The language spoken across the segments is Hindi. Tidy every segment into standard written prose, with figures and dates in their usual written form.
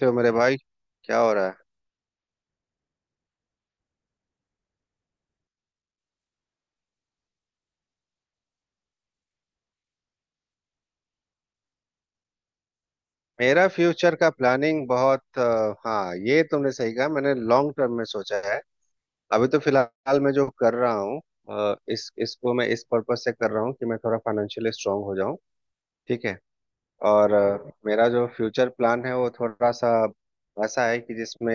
तो मेरे भाई, क्या हो रहा है। मेरा फ्यूचर का प्लानिंग बहुत हाँ, ये तुमने सही कहा। मैंने लॉन्ग टर्म में सोचा है। अभी तो फिलहाल मैं जो कर रहा हूँ, इस इसको मैं इस पर्पस से कर रहा हूँ कि मैं थोड़ा फाइनेंशियली स्ट्रांग हो जाऊँ। ठीक है। और मेरा जो फ्यूचर प्लान है वो थोड़ा सा ऐसा है कि जिसमें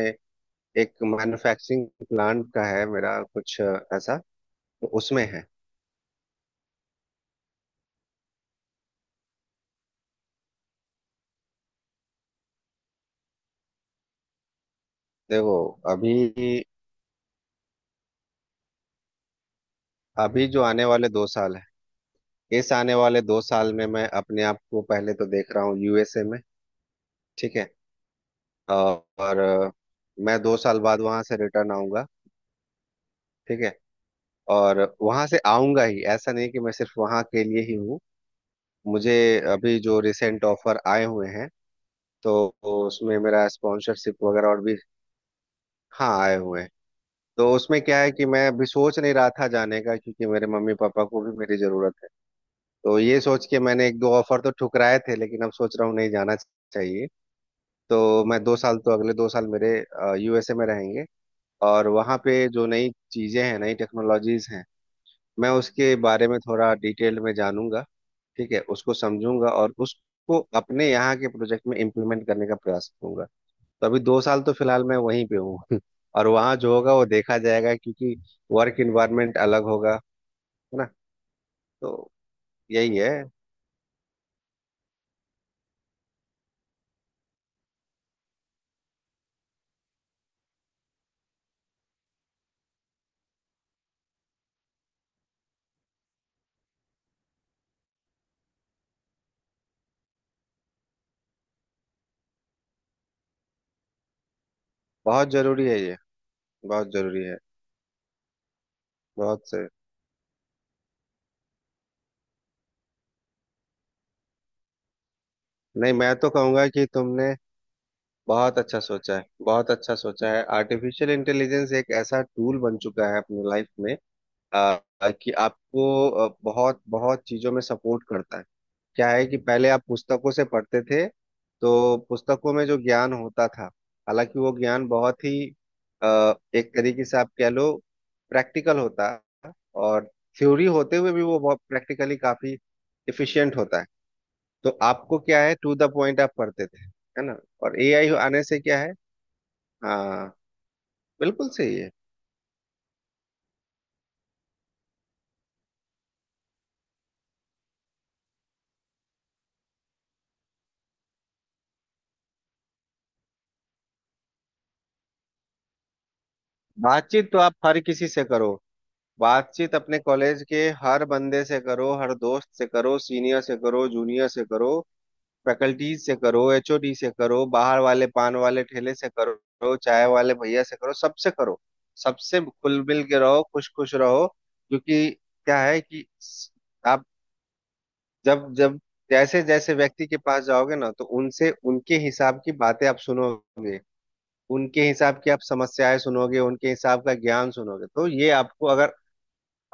एक मैन्युफैक्चरिंग प्लांट का है, मेरा कुछ ऐसा तो उसमें है। देखो, अभी अभी जो आने वाले 2 साल है। इस आने वाले 2 साल में मैं अपने आप को पहले तो देख रहा हूँ यूएसए में। ठीक है। और मैं 2 साल बाद वहां से रिटर्न आऊंगा। ठीक है। और वहां से आऊंगा ही, ऐसा नहीं कि मैं सिर्फ वहां के लिए ही हूँ। मुझे अभी जो रिसेंट ऑफर आए हुए हैं, तो उसमें मेरा स्पॉन्सरशिप वगैरह और भी, हाँ, आए हुए हैं। तो उसमें क्या है कि मैं अभी सोच नहीं रहा था जाने का, क्योंकि मेरे मम्मी पापा को भी मेरी जरूरत है। तो ये सोच के मैंने एक दो ऑफर तो ठुकराए थे, लेकिन अब सोच रहा हूँ नहीं जाना चाहिए। तो मैं दो साल तो अगले 2 साल मेरे यूएसए में रहेंगे। और वहाँ पे जो नई चीज़ें हैं, नई टेक्नोलॉजीज हैं, मैं उसके बारे में थोड़ा डिटेल में जानूंगा। ठीक है, उसको समझूंगा और उसको अपने यहाँ के प्रोजेक्ट में इम्प्लीमेंट करने का प्रयास करूंगा। तो अभी 2 साल तो फिलहाल मैं वहीं पे हूँ। और वहाँ जो होगा वो देखा जाएगा, क्योंकि वर्क इन्वायरमेंट अलग होगा, है ना। तो यही है। बहुत जरूरी है ये। बहुत जरूरी है। बहुत से नहीं, मैं तो कहूंगा कि तुमने बहुत अच्छा सोचा है, बहुत अच्छा सोचा है। आर्टिफिशियल इंटेलिजेंस एक ऐसा टूल बन चुका है अपनी लाइफ में। आ, कि आपको बहुत बहुत चीजों में सपोर्ट करता है। क्या है कि पहले आप पुस्तकों से पढ़ते थे, तो पुस्तकों में जो ज्ञान होता था, हालांकि वो ज्ञान बहुत ही एक तरीके से आप कह लो प्रैक्टिकल होता, और थ्योरी होते हुए भी वो बहुत प्रैक्टिकली काफी इफिशियंट होता है। तो आपको क्या है, टू द पॉइंट आप पढ़ते थे, है ना। और एआई आने से क्या है। हाँ, बिल्कुल सही है। बातचीत तो आप हर किसी से करो। बातचीत अपने कॉलेज के हर बंदे से करो, हर दोस्त से करो, सीनियर से करो, जूनियर से करो, फैकल्टीज से करो, एचओडी से करो, बाहर वाले पान वाले ठेले से करो, चाय वाले भैया से करो, सबसे करो। सबसे खुल मिल के रहो, खुश खुश रहो, क्योंकि क्या है कि आप जब जब जैसे जैसे व्यक्ति के पास जाओगे ना, तो उनसे उनके हिसाब की बातें आप सुनोगे। उनके हिसाब की आप समस्याएं सुनोगे, उनके हिसाब का ज्ञान सुनोगे। तो ये आपको, अगर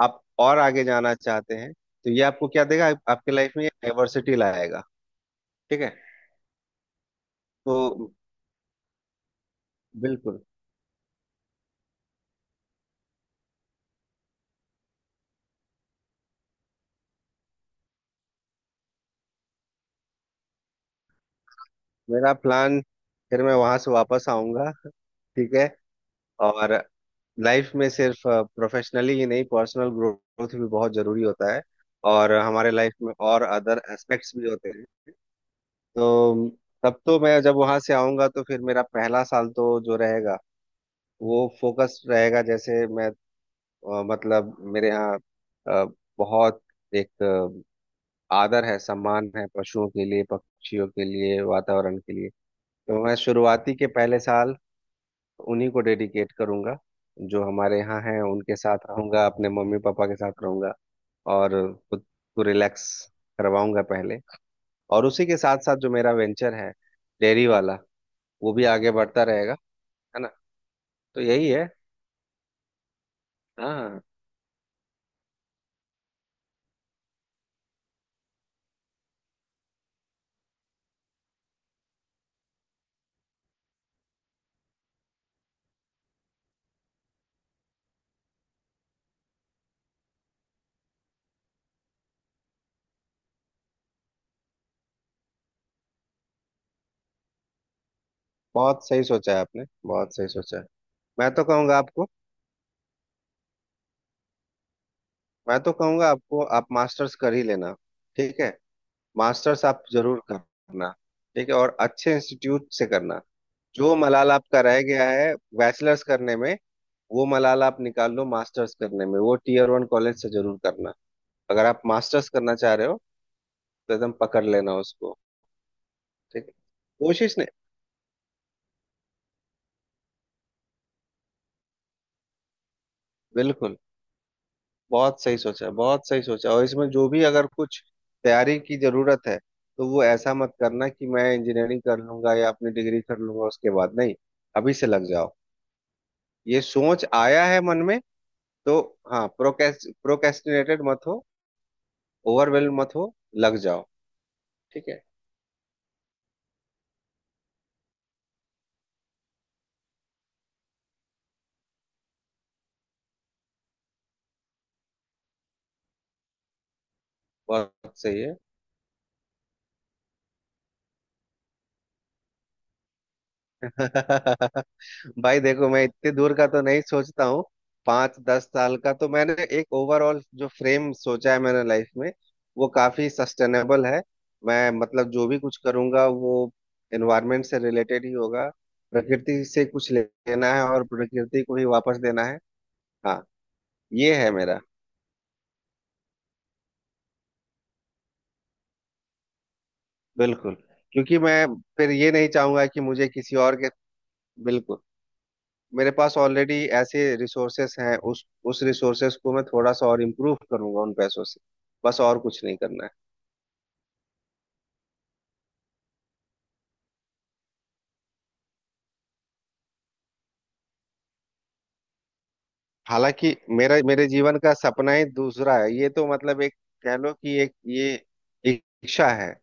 आप और आगे जाना चाहते हैं, तो ये आपको क्या देगा, आपके लाइफ में डाइवर्सिटी लाएगा। ठीक है। तो बिल्कुल। मेरा प्लान, फिर मैं वहां से वापस आऊंगा। ठीक है। और लाइफ में सिर्फ प्रोफेशनली ही नहीं, पर्सनल ग्रोथ भी बहुत जरूरी होता है। और हमारे लाइफ में और अदर एस्पेक्ट्स भी होते हैं। तो तब तो मैं जब वहां से आऊंगा, तो फिर मेरा पहला साल तो जो रहेगा, वो फोकस रहेगा। जैसे मैं मतलब मेरे यहाँ अ, बहुत एक आदर है, सम्मान है, पशुओं के लिए, पक्षियों के लिए, वातावरण के लिए। तो मैं शुरुआती के पहले साल उन्हीं को डेडिकेट करूंगा, जो हमारे यहाँ हैं उनके साथ रहूंगा, अपने मम्मी पापा के साथ रहूंगा। और खुद को रिलैक्स करवाऊंगा पहले। और उसी के साथ साथ जो मेरा वेंचर है डेयरी वाला, वो भी आगे बढ़ता रहेगा, है ना। तो यही है। हाँ, बहुत सही सोचा है आपने, बहुत सही सोचा है। मैं तो कहूंगा आपको मैं तो कहूंगा आपको आप मास्टर्स कर ही लेना। ठीक है। मास्टर्स आप जरूर करना। ठीक है। और अच्छे इंस्टीट्यूट से करना। जो मलाल आपका रह गया है बैचलर्स करने में, वो मलाल आप निकाल लो मास्टर्स करने में। वो टीयर वन कॉलेज से जरूर करना। अगर आप मास्टर्स करना चाह रहे हो, तो एकदम पकड़ लेना उसको। ठीक है। कोशिश नहीं, बिल्कुल। बहुत सही सोचा, बहुत सही सोचा। और इसमें जो भी अगर कुछ तैयारी की जरूरत है, तो वो ऐसा मत करना कि मैं इंजीनियरिंग कर लूंगा या अपनी डिग्री कर लूंगा उसके बाद। नहीं, अभी से लग जाओ। ये सोच आया है मन में, तो हाँ, प्रोकेस्टिनेटेड मत हो, ओवरवेल मत हो, लग जाओ। ठीक है। बहुत सही है। भाई, देखो, मैं इतने दूर का तो नहीं सोचता हूँ। 5 10 साल का तो मैंने एक ओवरऑल जो फ्रेम सोचा है मैंने लाइफ में, वो काफी सस्टेनेबल है। मैं मतलब जो भी कुछ करूंगा, वो एनवायरमेंट से रिलेटेड ही होगा। प्रकृति से कुछ लेना है और प्रकृति को ही वापस देना है। हाँ, ये है मेरा। बिल्कुल। क्योंकि मैं फिर ये नहीं चाहूंगा कि मुझे किसी और के। बिल्कुल। मेरे पास ऑलरेडी ऐसे रिसोर्सेस हैं, उस रिसोर्सेस को मैं थोड़ा सा और इम्प्रूव करूंगा उन पैसों से। बस, और कुछ नहीं करना है। हालांकि मेरा मेरे जीवन का सपना ही दूसरा है, ये तो मतलब एक, कह लो कि एक ये इच्छा है।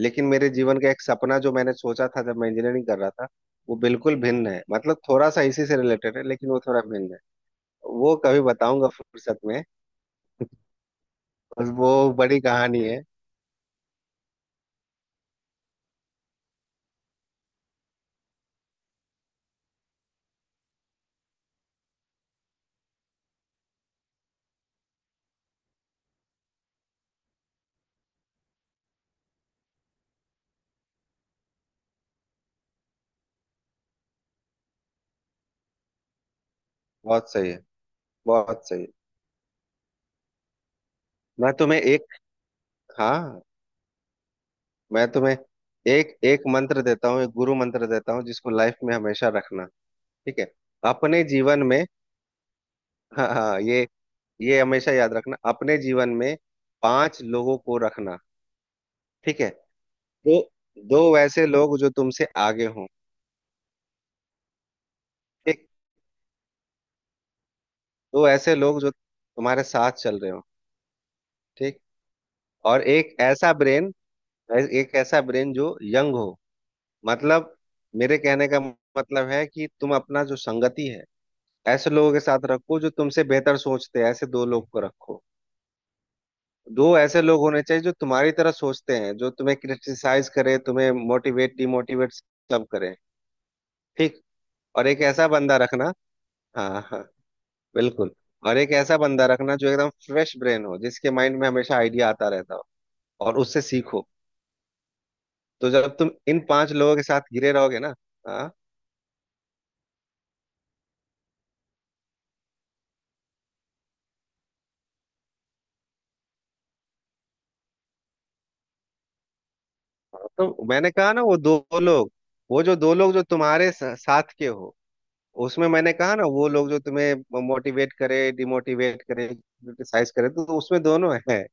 लेकिन मेरे जीवन का एक सपना जो मैंने सोचा था जब मैं इंजीनियरिंग कर रहा था, वो बिल्कुल भिन्न है। मतलब थोड़ा सा इसी से रिलेटेड है, लेकिन वो थोड़ा भिन्न है। वो कभी बताऊंगा फुर्सत में। बस वो बड़ी कहानी है। बहुत सही है, बहुत सही। मैं तुम्हें एक हाँ, मैं तुम्हें एक एक मंत्र देता हूँ, एक गुरु मंत्र देता हूँ जिसको लाइफ में हमेशा रखना। ठीक है। अपने जीवन में, हाँ, हाँ, ये हमेशा याद रखना अपने जीवन में। पांच लोगों को रखना। ठीक है। दो दो वैसे लोग जो तुमसे आगे हों। ठीक। दो ऐसे लोग जो तुम्हारे साथ चल रहे हो। ठीक। और एक ऐसा ब्रेन जो यंग हो, मतलब मेरे कहने का मतलब है कि तुम अपना जो संगति है, ऐसे लोगों के साथ रखो जो तुमसे बेहतर सोचते हैं, ऐसे दो लोग को रखो। दो ऐसे लोग होने चाहिए जो तुम्हारी तरह सोचते हैं, जो तुम्हें क्रिटिसाइज करे, तुम्हें मोटिवेट डिमोटिवेट सब करे। ठीक। और एक ऐसा बंदा रखना, हाँ, हाँ, बिल्कुल, और एक ऐसा बंदा रखना जो एकदम फ्रेश ब्रेन हो, जिसके माइंड में हमेशा आइडिया आता रहता हो, और उससे सीखो। तो जब तुम इन पांच लोगों के साथ घिरे रहोगे ना। हाँ। तो मैंने कहा ना लोग वो जो दो लोग जो तुम्हारे साथ के हो। उसमें मैंने कहा ना, वो लोग जो तुम्हें मोटिवेट करे, डिमोटिवेट करे, क्रिटिसाइज करे, तो उसमें दोनों है।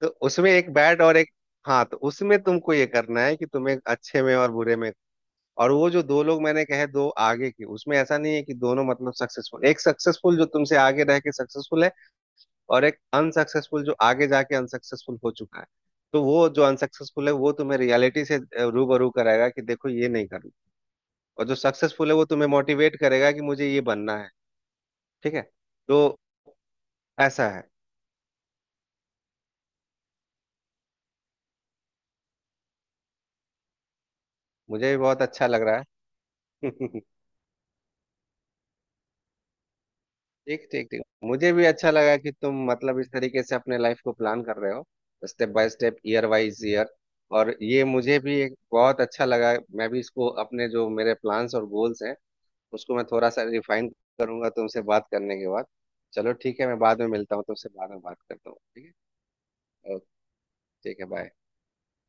तो उसमें एक बैड और एक हाँ, तो उसमें तुमको ये करना है कि तुम्हें अच्छे में और बुरे में। और वो जो दो लोग मैंने कहे, दो आगे के, उसमें ऐसा नहीं है कि दोनों मतलब सक्सेसफुल। एक सक्सेसफुल जो तुमसे आगे रह के सक्सेसफुल है, और एक अनसक्सेसफुल जो आगे जाके अनसक्सेसफुल हो चुका है। तो वो जो अनसक्सेसफुल है, वो तुम्हें रियलिटी से रूबरू कराएगा कि देखो, ये नहीं करना। और जो सक्सेसफुल है वो तुम्हें मोटिवेट करेगा कि मुझे ये बनना है। ठीक है। तो ऐसा है, मुझे भी बहुत अच्छा लग रहा है। ठीक, ठीक, ठीक। मुझे भी अच्छा लगा कि तुम मतलब इस तरीके से अपने लाइफ को प्लान कर रहे हो, step by step, year wise year. और ये मुझे भी एक बहुत अच्छा लगा। मैं भी इसको, अपने जो मेरे प्लान्स और गोल्स हैं, उसको मैं थोड़ा सा रिफाइन करूंगा तुमसे बात करने के बाद। चलो, ठीक है। मैं बाद में मिलता हूँ तुमसे, बाद में बात करता हूँ। ठीक है। ओके। ठीक है। बाय।